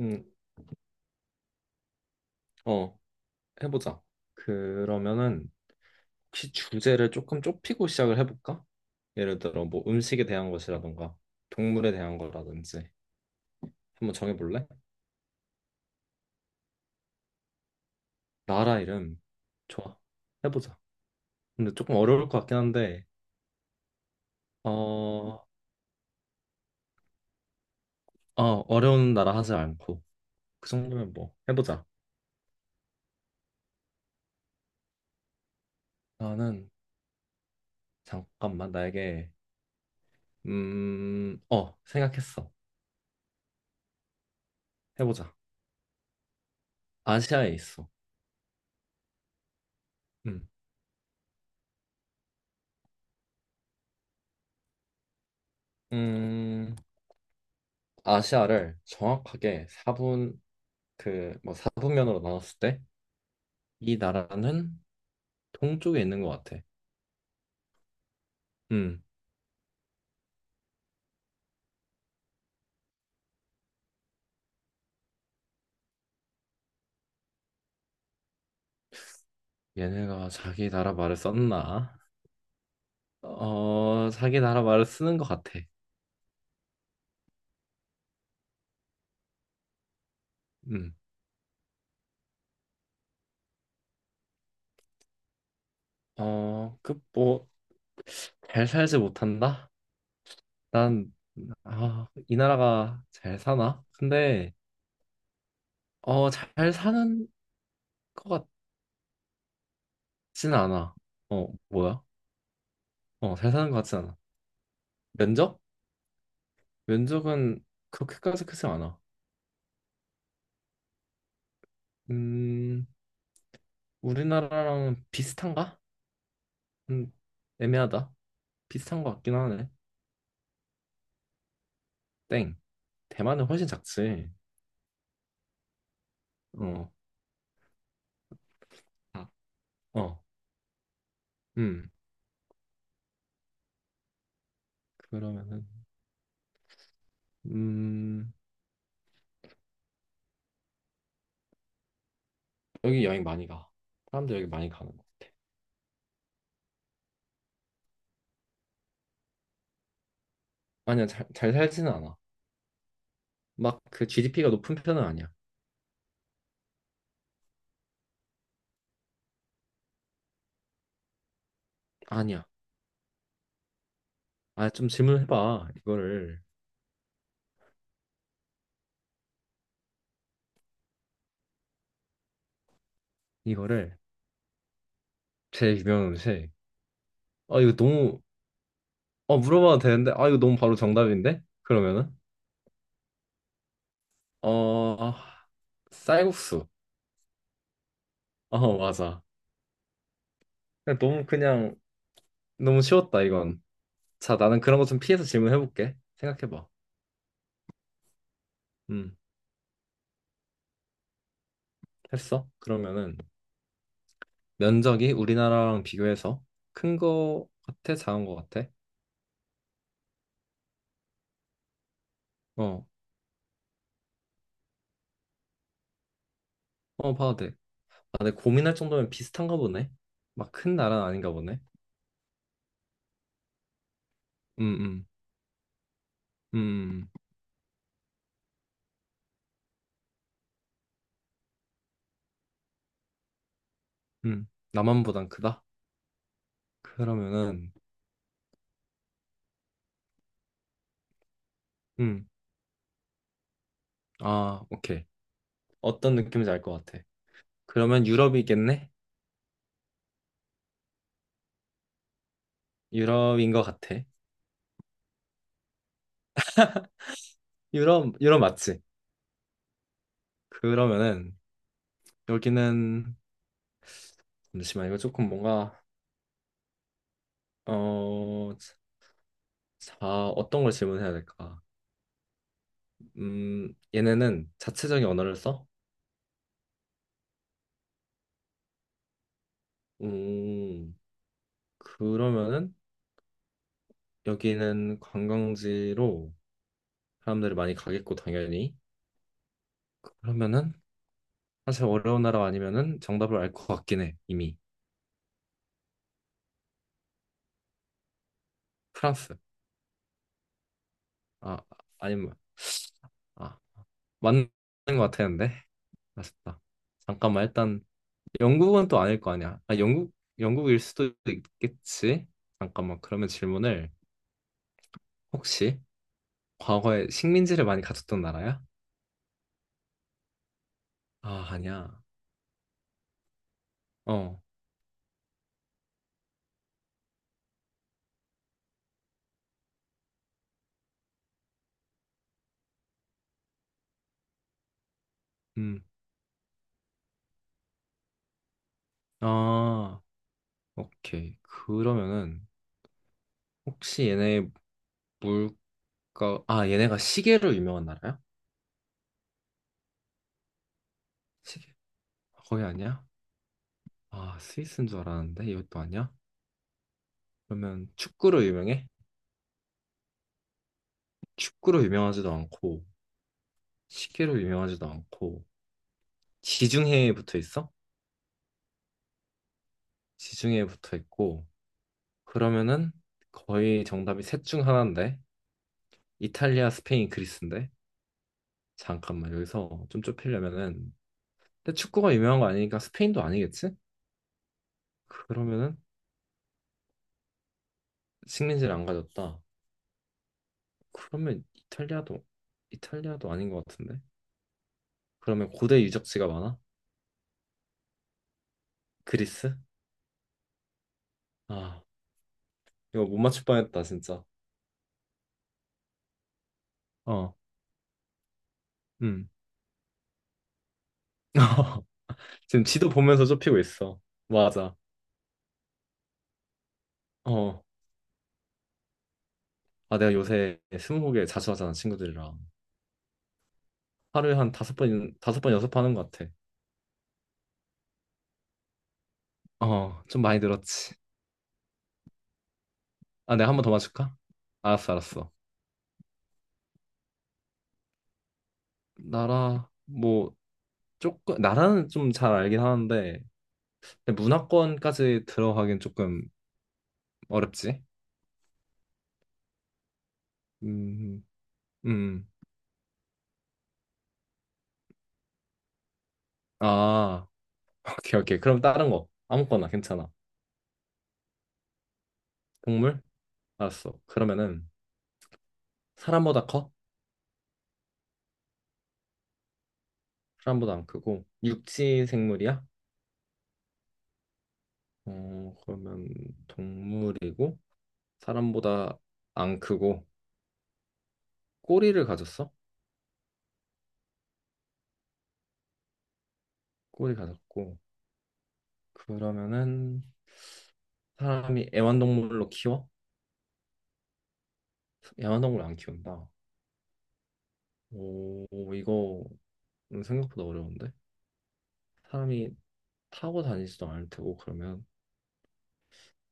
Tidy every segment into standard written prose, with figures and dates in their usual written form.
음, 어, 해보자. 그러면은 혹시 주제를 조금 좁히고 시작을 해볼까? 예를 들어 뭐 음식에 대한 것이라던가 동물에 대한 거라든지 한번 정해볼래? 나라 이름 좋아. 해보자. 근데 조금 어려울 것 같긴 한데. 어, 어 어려운 나라 하지 않고 그 정도면 뭐 해보자. 나는 잠깐만 나에게 생각했어. 해보자. 아시아에 있어. 음, 음 아시아를 정확하게 4분 그 뭐 사분면으로 나눴을 때 이 나라는 동쪽에 있는 것 같아. 음, 얘네가 자기 나라 말을 썼나? 어, 자기 나라 말을 쓰는 것 같아. 음, 그뭐잘 살지 못한다? 난 아, 이 나라가 잘 사나? 근데 잘 사는 것 같진 않아. 어, 뭐야? 어, 잘 사는 것 같진 않아. 면적? 면적은 그렇게까지 크지 않아. 음, 우리나라랑 비슷한가? 음, 애매하다. 비슷한 것 같긴 하네. 땡. 대만은 훨씬 작지. 어, 아, 어, 음. 그러면은, 음, 여기 여행 많이 가. 사람들 여기 많이 가는 거. 아니야, 잘 살지는 않아. 막 그 GDP가 높은 편은 아니야. 아니야. 아, 좀 질문해봐. 이거를. 제일 유명한 음식. 아, 이거 너무, 물어봐도 되는데, 아, 이거 너무 바로 정답인데? 그러면은, 아, 쌀국수. 어, 맞아. 그냥 너무 쉬웠다 이건. 자, 나는 그런 거 좀 피해서 질문해볼게. 생각해봐. 음, 했어? 그러면은 면적이 우리나라랑 비교해서 큰 거 같아? 작은 거 같아? 어, 어, 봐도 돼. 아, 근데 고민할 정도면 비슷한가 보네. 막 큰 나라는 아닌가 보네. 음, 음, 음, 음. 남한보단 크다? 그러면은, 음, 아, 오케이. 어떤 느낌인지 알 것 같아. 그러면 유럽이겠네? 유럽인 것 같아. 유럽 맞지? 그러면은 여기는 잠시만 이거 조금 뭔가 자, 어떤 걸 질문해야 될까? 얘네는 자체적인 언어를 써? 음, 그러면은 여기는 관광지로 사람들이 많이 가겠고 당연히 그러면은 사실 어려운 나라 아니면은 정답을 알 것 같긴 해 이미. 프랑스. 아, 아니면 아, 맞는 것 같았는데 아쉽다. 잠깐만, 일단 영국은 또 아닐 거 아니야. 아, 영국일 수도 있겠지. 잠깐만, 그러면 질문을 혹시 과거에 식민지를 많이 가졌던 나라야? 아, 아니야. 어, 음, 아, 오케이. 그러면은 혹시 얘네가 시계로 유명한 나라야? 시계? 거의 아니야? 아, 스위스인 줄 알았는데 이것도 아니야? 그러면 축구로 유명해? 축구로 유명하지도 않고 시계로 유명하지도 않고 지중해에 붙어 있어? 지중해에 붙어 있고 그러면은 거의 정답이 셋 중 하나인데 이탈리아, 스페인, 그리스인데 잠깐만 여기서 좀 좁히려면은 근데 축구가 유명한 거 아니니까 스페인도 아니겠지? 그러면은 식민지를 안 가졌다. 그러면 이탈리아도 아닌 것 같은데 그러면 고대 유적지가 많아? 그리스? 아 이거 못 맞출 뻔했다 진짜. 어, 음. 지금 지도 보면서 좁히고 있어. 맞아. 어. 아, 내가 요새 스무고개 자주 하잖아, 친구들이랑. 하루에 한 다섯 번 연습하는 것 같아. 어, 좀 많이 늘었지. 아, 내가 한 번 더 맞출까? 알았어, 알았어. 뭐, 조금, 나라는 좀 잘 알긴 하는데, 근데 문화권까지 들어가긴 조금 어렵지. 음, 음. 아, 오케이, 오케이. 그럼 다른 거. 아무거나 괜찮아. 동물? 알았어. 그러면은, 사람보다 커? 사람보다 안 크고, 육지 생물이야? 어, 그러면 동물이고, 사람보다 안 크고, 꼬리를 가졌어? 꼬리 가졌고 그러면은 사람이 애완동물로 키워? 애완동물 안 키운다. 오 이거 생각보다 어려운데 사람이 타고 다니지도 않을 테고 그러면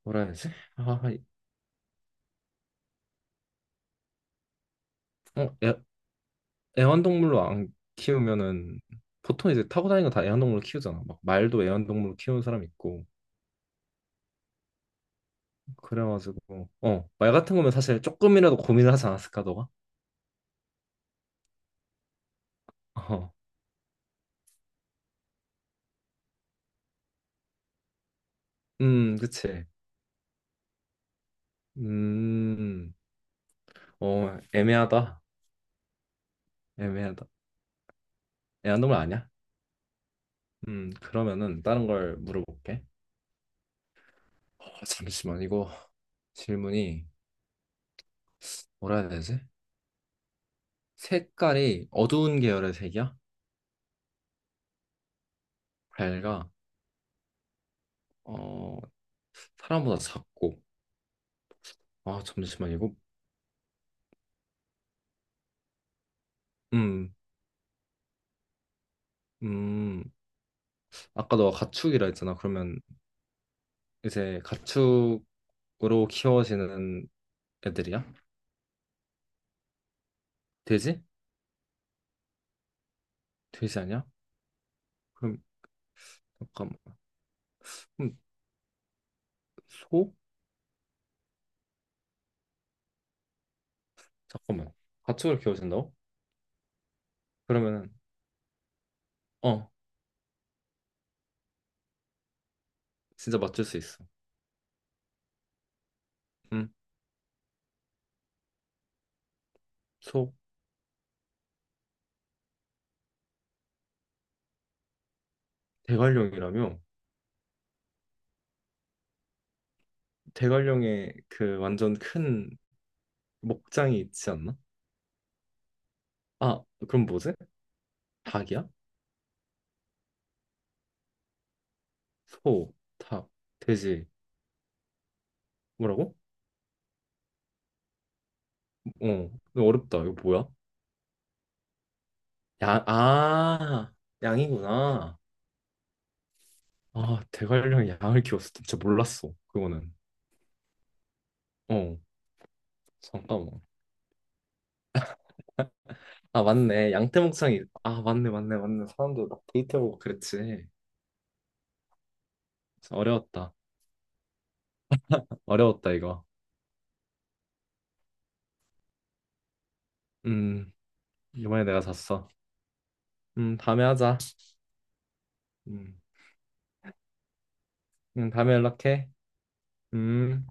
뭐라 해야 되지? 아, 어, 애, 애완동물로 안 키우면은 보통 이제 타고 다니는 거 다 애완동물로 키우잖아. 막 말도 애완동물로 키우는 사람 있고 그래가지고 말 같은 거면 사실 조금이라도 고민을 하지 않았을까 너가? 어, 그치. 음 애매하다. 애매하다. 애완동물 아니야? 그러면은 다른 걸 물어볼게. 잠시만, 이거 질문이 뭐라 해야 되지? 색깔이 어두운 계열의 색이야? 밝아. 어, 사람보다 작고. 아, 잠시만, 이거. 음, 음. 아까 너가 가축이라 했잖아. 그러면 이제 가축으로 키워지는 애들이야? 돼지? 돼지 아니야? 그럼, 잠깐만. 그럼 소? 잠깐만. 가축으로 키워진다고? 그러면은, 어. 진짜 맞출 수 있어. 응. 소. 대관령이라며? 대관령에 그 완전 큰 목장이 있지 않나? 아, 그럼 뭐지? 닭이야? 소, 닭, 돼지. 뭐라고? 어, 이거 어렵다. 이거 뭐야? 양, 아, 양이구나. 아, 대관령 양을 키웠어. 진짜 몰랐어. 그거는. 어, 잠깐만. 아, 맞네. 양떼목장이. 아, 맞네, 맞네, 맞네. 사람들 막 데이트하고 그랬지. 어려웠다. 어려웠다, 이거. 음, 이번에 내가 잤어. 다음에 하자. 음. 다음에 연락해. 음.